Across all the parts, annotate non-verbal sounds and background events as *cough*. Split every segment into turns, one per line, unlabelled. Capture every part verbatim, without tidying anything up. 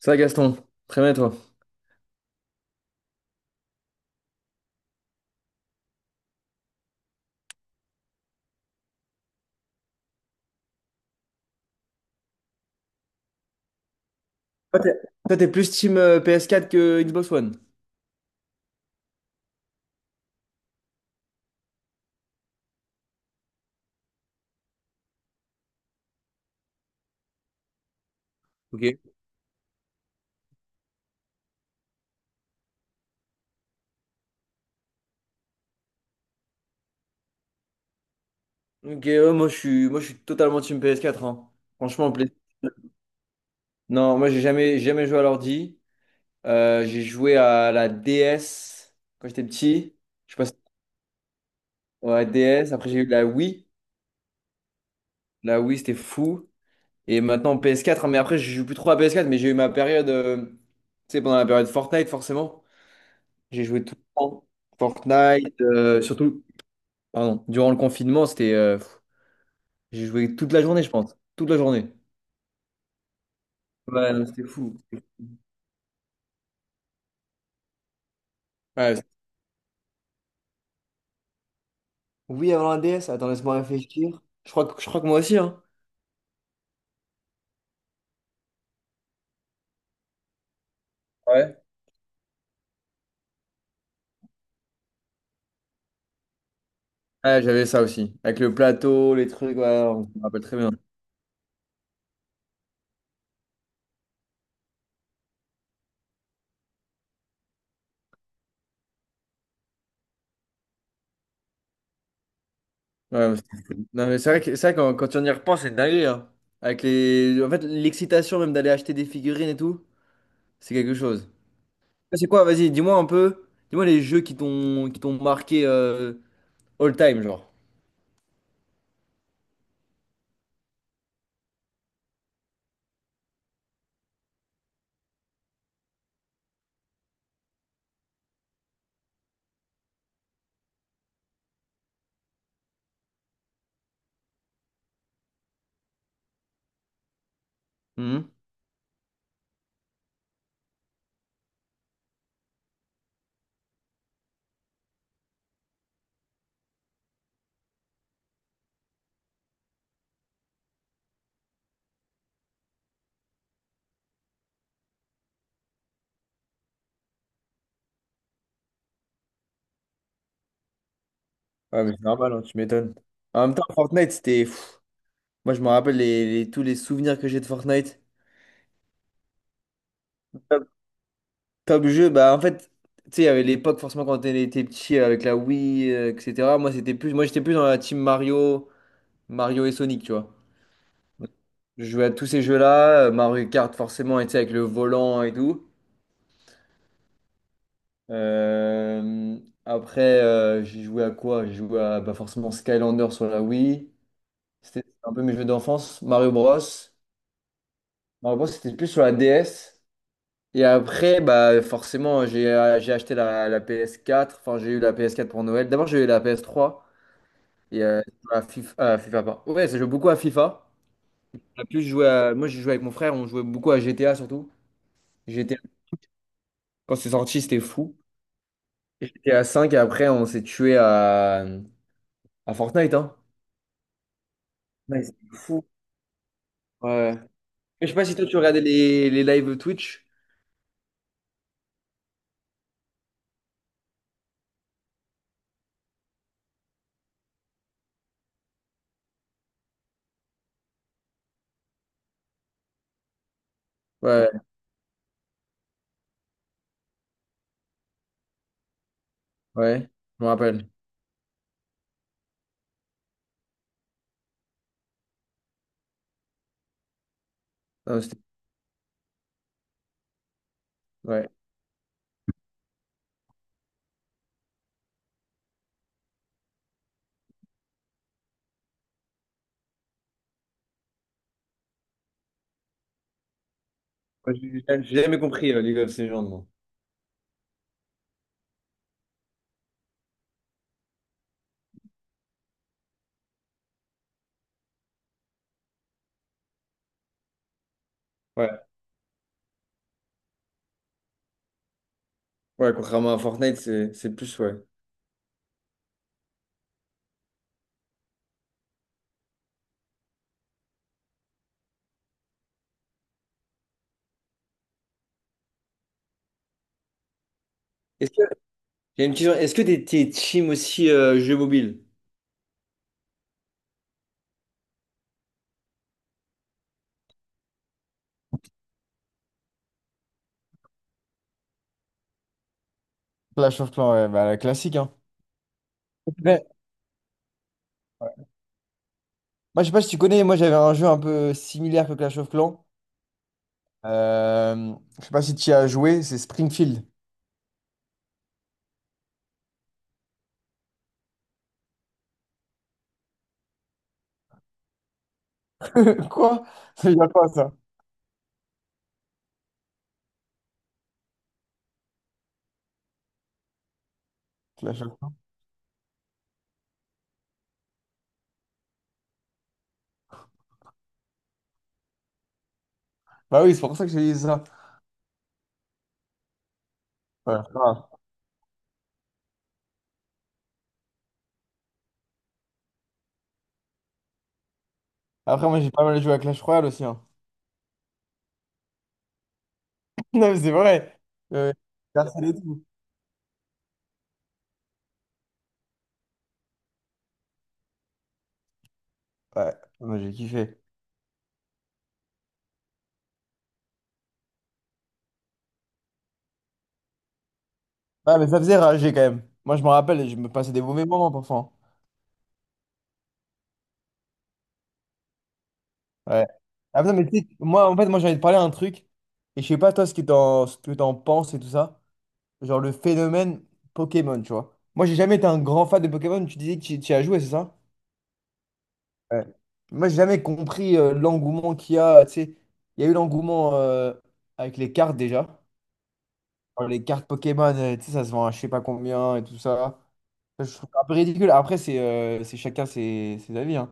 Ça va, Gaston, très bien, et toi. Toi, t'es toi, t'es plus team euh, P S quatre que Xbox One. Ok. Ok, ouais, moi je suis, moi je suis totalement team P S quatre, hein. Franchement, pla- non, moi j'ai jamais, j'ai jamais joué à l'ordi. Euh, j'ai joué à la D S quand j'étais petit. Je passe à la D S. Après j'ai eu la Wii. La Wii c'était fou. Et maintenant P S quatre, hein, mais après je joue plus trop à P S quatre. Mais j'ai eu ma période, euh, tu sais, pendant la période Fortnite forcément. J'ai joué tout le temps. Fortnite, euh, surtout, pardon, durant le confinement, c'était. Euh, pff, j'ai joué toute la journée, je pense. Toute la journée. Ouais, non, c'était fou. Ouais, c'est- oui, avant la D S, attends, laisse-moi réfléchir. Je crois que, je crois que moi aussi, hein. Ouais. Ouais, j'avais ça aussi. Avec le plateau, les trucs, ouais, on me rappelle très bien. Ouais, mais c'était- fou. Non, mais c'est vrai que, c'est vrai, quand, quand on y repense, c'est une dinguerie, hein. Avec les... En fait, l'excitation même d'aller acheter des figurines et tout, c'est quelque chose. C'est quoi, vas-y, dis-moi un peu. Dis-moi les jeux qui t'ont qui t'ont marqué. euh, All time, genre. Mhm. Ouais, mais c'est normal, hein, tu m'étonnes. En même temps, Fortnite, c'était. pff, Moi, je me rappelle les, les- tous les souvenirs que j'ai de Fortnite. Top, top jeu, bah en fait, tu sais, il y avait l'époque, forcément, quand on était petit, euh, avec la Wii, euh, et cetera. Moi, c'était plus, moi, j'étais plus dans la team Mario, Mario et Sonic, tu vois. Je jouais à tous ces jeux-là, euh, Mario Kart, forcément, et tu sais, avec le volant et tout. Euh, Après, euh, j'ai joué à quoi? J'ai joué à bah, forcément Skylander sur la Wii. C'était un peu mes jeux d'enfance. Mario Bros. Non, moi, c'était plus sur la D S. Et après, bah, forcément, j'ai euh, j'ai acheté la, la ps quatre. Enfin, j'ai eu la ps quatre pour Noël. D'abord, j'ai eu la ps trois et euh, la FIFA, euh, FIFA, pardon. Ouais, ça joue beaucoup à FIFA. En plus, je jouais à- moi, j'ai joué avec mon frère. On jouait beaucoup à G T A surtout. G T A, quand c'est sorti, c'était fou. Et G T A cinq, et après, on s'est tué à, à, Fortnite, hein. Ouais, c'était fou. Ouais. Mais je sais pas si toi, tu regardais les, les lives Twitch. Ouais, ouais, je me rappelle. Non, c'était- ouais. Ouais, J'ai j'ai jamais compris euh, League of Legends, moi. Ouais, ouais, contrairement à Fortnite, c'est c'est plus, ouais. Est-ce que, j'ai une question, est-ce que t'es, t'es team aussi euh, jeu mobile? Clash of Clans, ouais, bah, la classique, hein. Ouais. Moi, je sais pas si tu connais, moi j'avais un jeu un peu similaire que Clash of Clans. Euh, je sais pas si tu y as joué, c'est Springfield. *laughs* Quoi? C'est déjà quoi ça? Clash of Clans. Bah oui, c'est pour ça que je dit ça. Ouais, c'est grave. Après, moi j'ai pas mal joué à Clash Royale aussi, hein. *laughs* Non, mais c'est vrai. Euh, Personne et tout. Ouais, moi j'ai kiffé. Ah, mais ça faisait rager quand même. Moi, je me rappelle, et je me passais des mauvais moments parfois. Ouais. Ah, putain, mais tu sais, moi, en fait, moi, j'ai envie de parler un truc. Et je sais pas, toi, ce que t'en, ce que t'en penses et tout ça. Genre le phénomène Pokémon, tu vois. Moi, j'ai jamais été un grand fan de Pokémon. Tu disais que tu tu y as joué, c'est ça? Ouais. Moi, j'ai jamais compris euh, l'engouement qu'il y a. Tu sais, il y a eu l'engouement euh, avec les cartes déjà. Alors, les cartes Pokémon, euh, tu sais, ça se vend à je sais pas combien et tout ça. Ça, je trouve ça un peu ridicule. Après, c'est euh, c'est chacun ses, ses avis, hein.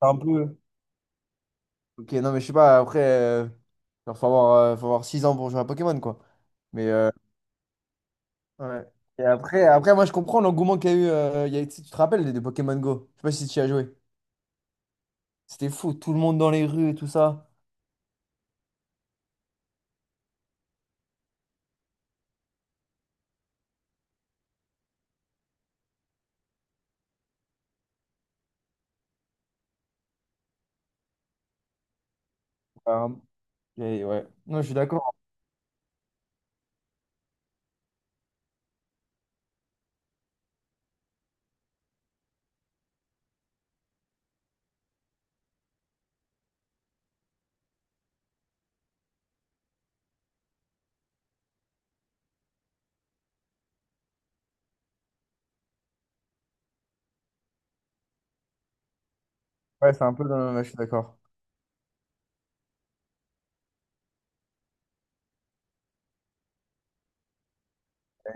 C'est un peu. Ok, non, mais je sais pas, après, euh, genre, faut avoir, euh, faut avoir six ans pour jouer à Pokémon, quoi. Mais, euh, ouais. Et après, après, moi, je comprends l'engouement qu'il y a eu. Euh, il y a- tu te rappelles de des Pokémon Go? Je sais pas si tu y as joué. C'était fou, tout le monde dans les rues et tout ça. Euh, et ouais. Non, je suis d'accord. Ouais, c'est un peu dans le même- je suis d'accord.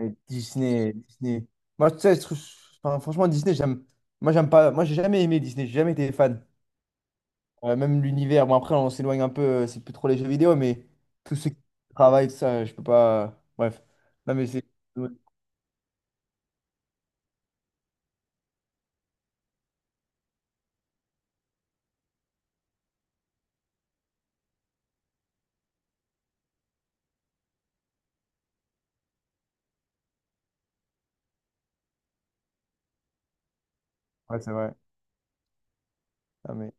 Et Disney, Disney. Moi, tu sais, je trouve- enfin, franchement, Disney, j'aime. Moi, j'aime pas. Moi, j'ai jamais aimé Disney, j'ai jamais été fan. Euh, même l'univers, bon après on s'éloigne un peu, euh, c'est plus trop les jeux vidéo, mais tous ceux qui travaillent, tout ça, je peux pas. Bref. Non mais c'est. Ouais, c'est vrai. Non, mais.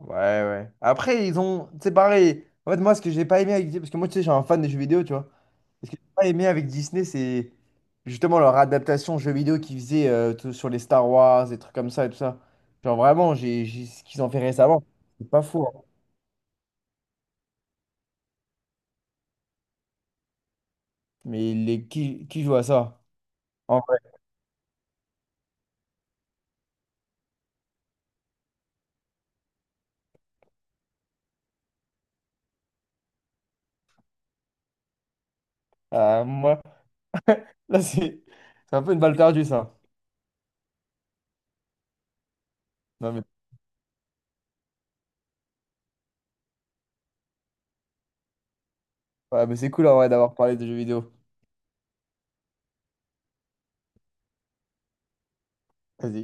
Ouais, ouais. Après, ils ont. C'est pareil. En fait, moi, ce que j'ai pas aimé avec Disney, parce que moi, tu sais, je suis un fan des jeux vidéo, tu vois. Et ce que j'ai pas aimé avec Disney, c'est justement leur adaptation jeux vidéo qu'ils faisaient euh, tout- sur les Star Wars, des trucs comme ça et tout ça. Genre vraiment, j'ai j'ai- ce qu'ils ont fait récemment. C'est pas fou, hein. Mais les... qui... qui joue à ça? En vrai. Euh, moi. Là, c'est c'est un peu une balle perdue, ça. Non, mais, ouais, mais c'est cool en vrai d'avoir parlé de jeux vidéo. Vas-y.